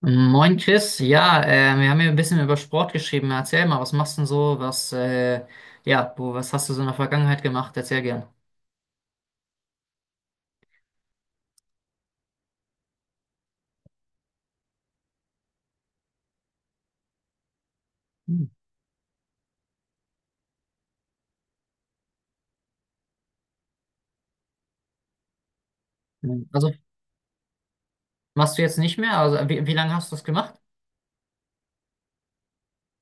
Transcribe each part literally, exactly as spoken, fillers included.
Moin Chris, ja, äh, wir haben hier ein bisschen über Sport geschrieben. Erzähl mal, was machst du denn so? Was, äh, ja, wo, was hast du so in der Vergangenheit gemacht? Erzähl gern. Hm. Also machst du jetzt nicht mehr? Also wie, wie lange hast du das gemacht?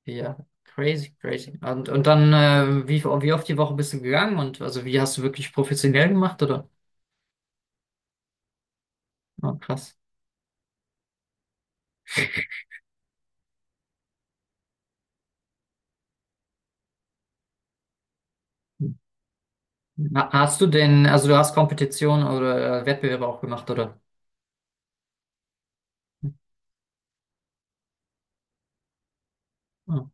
Ja, crazy, crazy. Und, und dann, äh, wie, wie oft die Woche bist du gegangen? Und also wie hast du wirklich professionell gemacht, oder? Oh, krass. Hm. Ha- Hast du denn, also du hast Kompetitionen oder äh, Wettbewerbe auch gemacht, oder? Hm. Oh,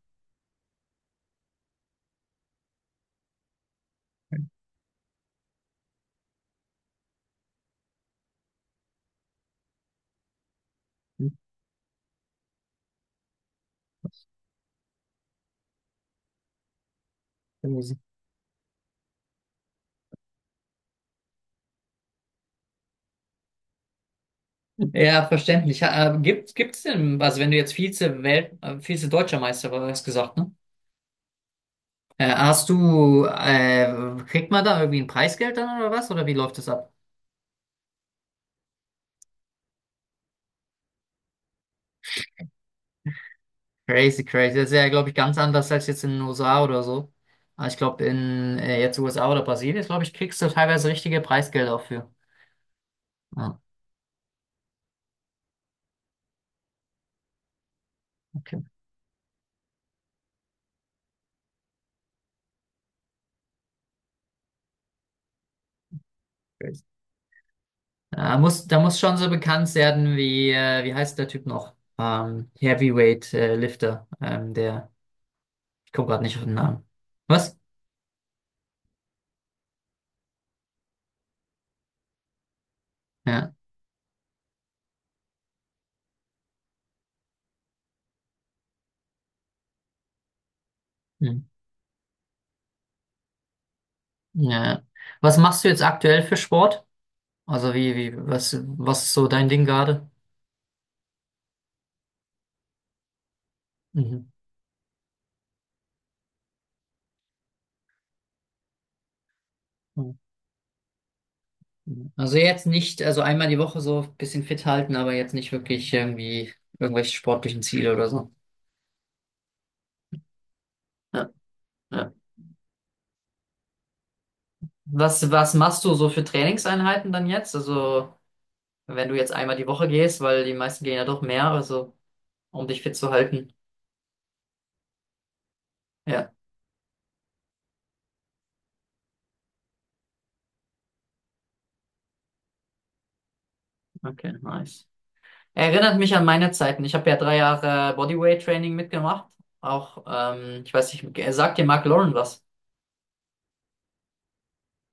hm. Ja, verständlich. Ha- äh, Gibt, gibt's denn, also wenn du jetzt Vize-Welt, äh, Vize-Deutscher Meister warst, gesagt, ne? Äh, hast du, äh, kriegt man da irgendwie ein Preisgeld dann oder was? Oder wie läuft das ab? Crazy, crazy. Das ist ja, glaube ich, ganz anders als jetzt in den U S A oder so. Aber ich glaube, in äh, jetzt U S A oder Brasilien, glaube ich, kriegst du teilweise richtige Preisgelder auch für. Ah, okay. Crazy. Da muss, da muss schon so bekannt werden wie, äh, wie heißt der Typ noch? Ähm, Heavyweight äh, Lifter. Ähm, der, ich komme gerade nicht auf den Namen. Was? Ja. Hm. Ja. Was machst du jetzt aktuell für Sport? Also wie, wie, was, was ist so dein Ding gerade? Mhm. Mhm. Also jetzt nicht, also einmal die Woche so ein bisschen fit halten, aber jetzt nicht wirklich irgendwie irgendwelche sportlichen Ziele oder so. Ja, ja. Was, was machst du so für Trainingseinheiten dann jetzt? Also wenn du jetzt einmal die Woche gehst, weil die meisten gehen ja doch mehr, also um dich fit zu halten. Ja, okay, nice. Erinnert mich an meine Zeiten. Ich habe ja drei Jahre Bodyweight-Training mitgemacht. Auch, ähm, ich weiß nicht, äh, sagt dir Mark Lauren was?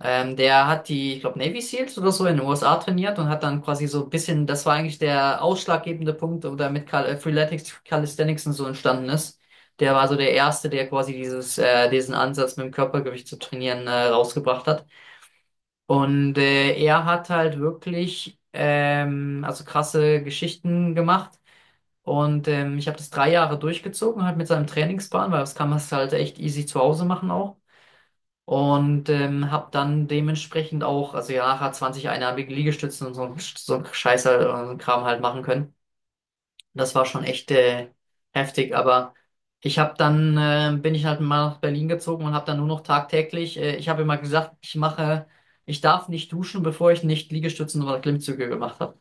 Ähm, der hat die, ich glaube, Navy SEALs oder so in den U S A trainiert und hat dann quasi so ein bisschen, das war eigentlich der ausschlaggebende Punkt, oder mit Cal äh, Freeletics, Calisthenics und so entstanden ist. Der war so der Erste, der quasi dieses, äh, diesen Ansatz mit dem Körpergewicht zu trainieren, äh, rausgebracht hat. Und äh, er hat halt wirklich ähm, also krasse Geschichten gemacht. Und ähm, ich habe das drei Jahre durchgezogen, halt mit seinem Trainingsplan, weil das kann man es halt echt easy zu Hause machen auch. Und ähm, habe dann dementsprechend auch, also ja, nachher zwanzig einarmige Liegestützen und so, ein- so ein Scheiß halt, äh, so ein Kram halt machen können. Das war schon echt äh, heftig, aber ich habe dann, äh, bin ich halt mal nach Berlin gezogen und habe dann nur noch tagtäglich, äh, ich habe immer gesagt, ich mache, ich darf nicht duschen, bevor ich nicht Liegestützen oder Klimmzüge gemacht habe.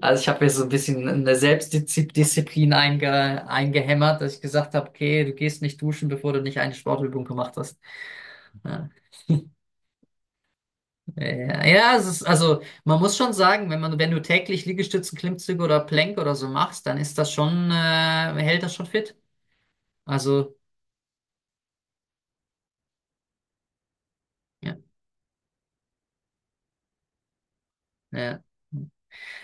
Also ich habe mir so ein bisschen eine Selbstdisziplin einge eingehämmert, dass ich gesagt habe, okay, du gehst nicht duschen, bevor du nicht eine Sportübung gemacht hast. Ja, ja, ja, es ist, also man muss schon sagen, wenn man, wenn du täglich Liegestützen, Klimmzüge oder Plank oder so machst, dann ist das schon, äh, hält das schon fit. Also, ja, ja.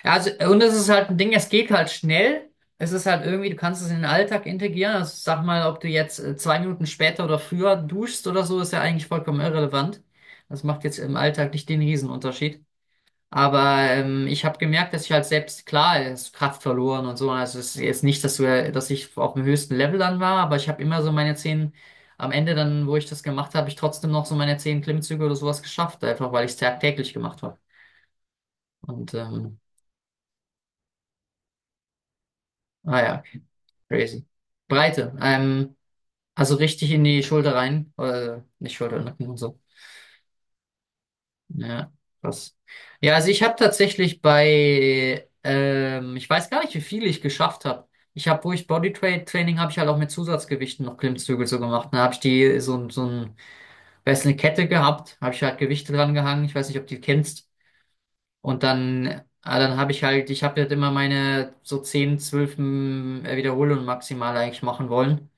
Ja, also, und es ist halt ein Ding, es geht halt schnell. Es ist halt irgendwie, du kannst es in den Alltag integrieren. Also, sag mal, ob du jetzt äh, zwei Minuten später oder früher duschst oder so, ist ja eigentlich vollkommen irrelevant. Das macht jetzt im Alltag nicht den Riesenunterschied. Aber ähm, ich habe gemerkt, dass ich halt selbst, klar, es ist Kraft verloren und so. Also es ist jetzt nicht, dass, wir, dass ich auf dem höchsten Level dann war, aber ich habe immer so meine zehn, am Ende dann, wo ich das gemacht habe, ich trotzdem noch so meine zehn Klimmzüge oder sowas geschafft, einfach weil ich es tagtäglich gemacht habe. Und ähm, ah ja, okay. Crazy. Breite. Ähm, also richtig in die Schulter rein. Äh, nicht Schulter, Nacken und so. Ja, krass. Ja, also ich habe tatsächlich bei, ähm, ich weiß gar nicht, wie viel ich geschafft habe. Ich habe, wo ich Bodytraining habe ich halt auch mit Zusatzgewichten noch Klimmzüge so gemacht. Da habe ich die so, ein- so ein, weiß eine Kette gehabt, habe ich halt Gewichte dran gehangen. Ich weiß nicht, ob du die kennst. Und dann, ah, dann habe ich halt, ich habe halt immer meine so zehn, zwölf mm, Wiederholungen maximal eigentlich machen wollen.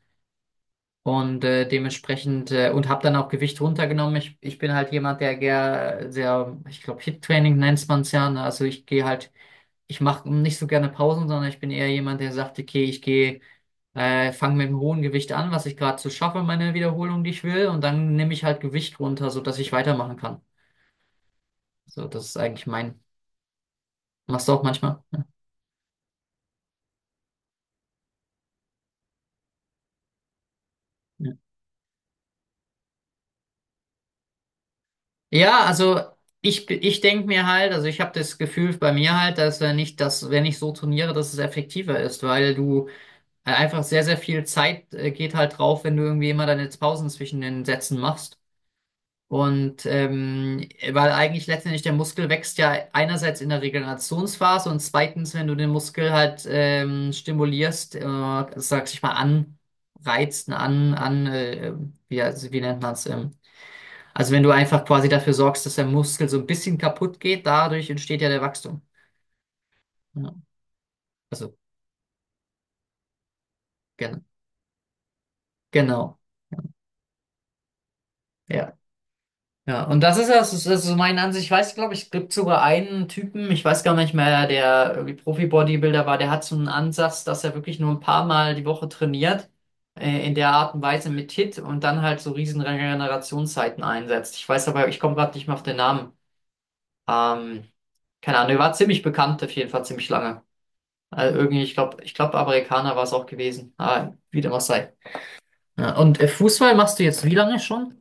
Und äh, dementsprechend äh, und habe dann auch Gewicht runtergenommen. Ich, ich bin halt jemand, der gern sehr, ich glaube, Hit-Training nennt man es ja. Ne? Also ich gehe halt, ich mache nicht so gerne Pausen, sondern ich bin eher jemand, der sagt, okay, ich gehe, äh, fange mit einem hohen Gewicht an, was ich gerade so schaffe, meine Wiederholung, die ich will, und dann nehme ich halt Gewicht runter, sodass ich weitermachen kann. So, das ist eigentlich mein. Machst du auch manchmal? Ja, ja. Ja, also. Ich, ich denke mir halt, also ich habe das Gefühl bei mir halt, dass wenn ich das, wenn ich so trainiere, dass es effektiver ist, weil du Äh, einfach sehr, sehr viel Zeit äh, geht halt drauf, wenn du irgendwie immer deine Pausen zwischen den Sätzen machst. Und ähm, weil eigentlich letztendlich der Muskel wächst ja einerseits in der Regenerationsphase und zweitens, wenn du den Muskel halt ähm, stimulierst, äh, sag ich mal, anreizt, an, an, äh, wie, also, wie nennt man es? Ähm, also wenn du einfach quasi dafür sorgst, dass der Muskel so ein bisschen kaputt geht, dadurch entsteht ja der Wachstum. Ja, also, gen genau. Ja. Ja. Ja, und das ist ja, das, das ist so meine Ansicht. Ich weiß, glaube ich, gibt sogar einen Typen, ich weiß gar nicht mehr, der irgendwie Profi-Bodybuilder war, der hat so einen Ansatz, dass er wirklich nur ein paar Mal die Woche trainiert, äh, in der Art und Weise mit Hit und dann halt so riesen Regenerationszeiten einsetzt. Ich weiß aber, ich komme gerade nicht mehr auf den Namen. Ähm, keine Ahnung, er war ziemlich bekannt, auf jeden Fall ziemlich lange. Also irgendwie, ich glaube, ich glaube, Amerikaner war es auch gewesen. Aber wie dem auch sei. Ja, und äh, Fußball machst du jetzt wie lange schon?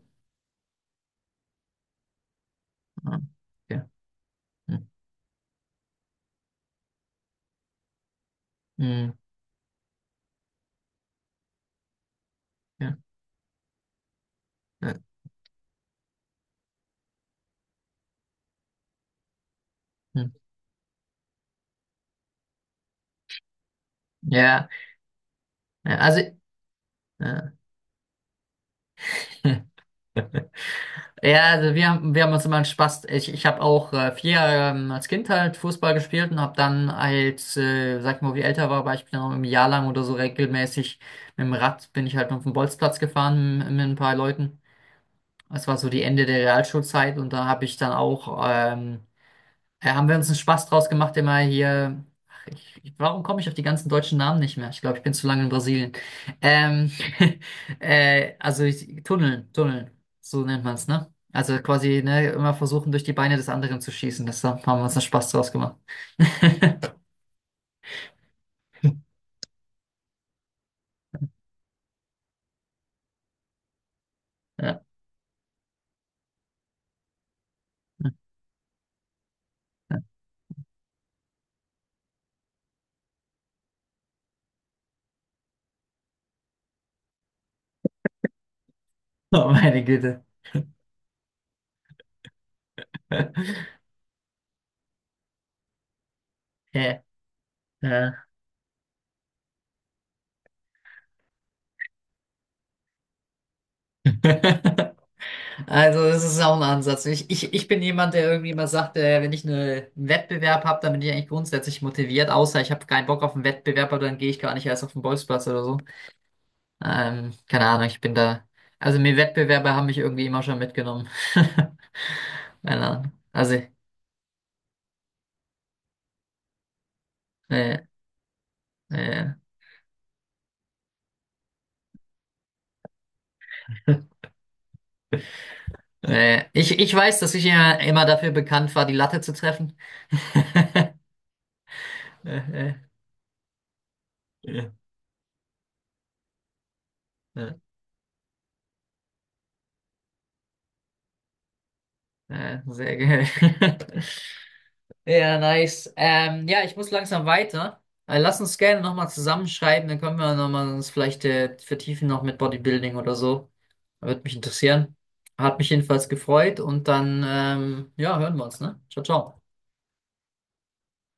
Ah, okay. Hm. Hm. Ja. Ja. Hm. Ja, ja, also ja, ja, also wir haben wir haben uns immer einen Spaß. Ich, ich habe auch äh, vier Jahre ähm, als Kind halt Fußball gespielt und habe dann als, äh, sag ich mal, wie älter war, war ich genau ein Jahr lang oder so regelmäßig mit dem Rad bin ich halt auf den Bolzplatz gefahren mit, mit ein paar Leuten. Das war so die Ende der Realschulzeit und da habe ich dann auch ähm, ja, haben wir uns einen Spaß draus gemacht, immer hier. Ach, ich, ich- warum komme ich auf die ganzen deutschen Namen nicht mehr? Ich glaube, ich bin zu lange in Brasilien. Ähm, äh, also ich, Tunneln, Tunneln, so nennt man es, ne? Also quasi, ne, immer versuchen, durch die Beine des anderen zu schießen. Das haben wir uns einen Spaß draus gemacht. Ja. Oh, meine Güte. Ja. Ja. Also, das ist auch ein Ansatz. Ich, ich, ich bin jemand, der irgendwie immer sagt, äh, wenn ich eine- einen Wettbewerb habe, dann bin ich eigentlich grundsätzlich motiviert, außer ich habe keinen Bock auf einen Wettbewerb, aber dann gehe ich gar nicht erst auf den Bolzplatz oder so. Ähm, keine Ahnung, ich bin da. Also, mir Wettbewerbe haben mich irgendwie immer schon mitgenommen. Keine Ahnung. Also, äh, äh, äh, ich, ich weiß, dass ich immer, immer dafür bekannt war, die Latte zu treffen. Äh, äh, äh, äh, sehr geil. Ja, nice. Ähm, ja, ich muss langsam weiter. Äh, lass uns gerne nochmal zusammenschreiben, dann können wir nochmal uns vielleicht äh, vertiefen noch mit Bodybuilding oder so. Würde mich interessieren. Hat mich jedenfalls gefreut und dann, ähm, ja, hören wir uns, ne? Ciao, ciao.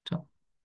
Ciao.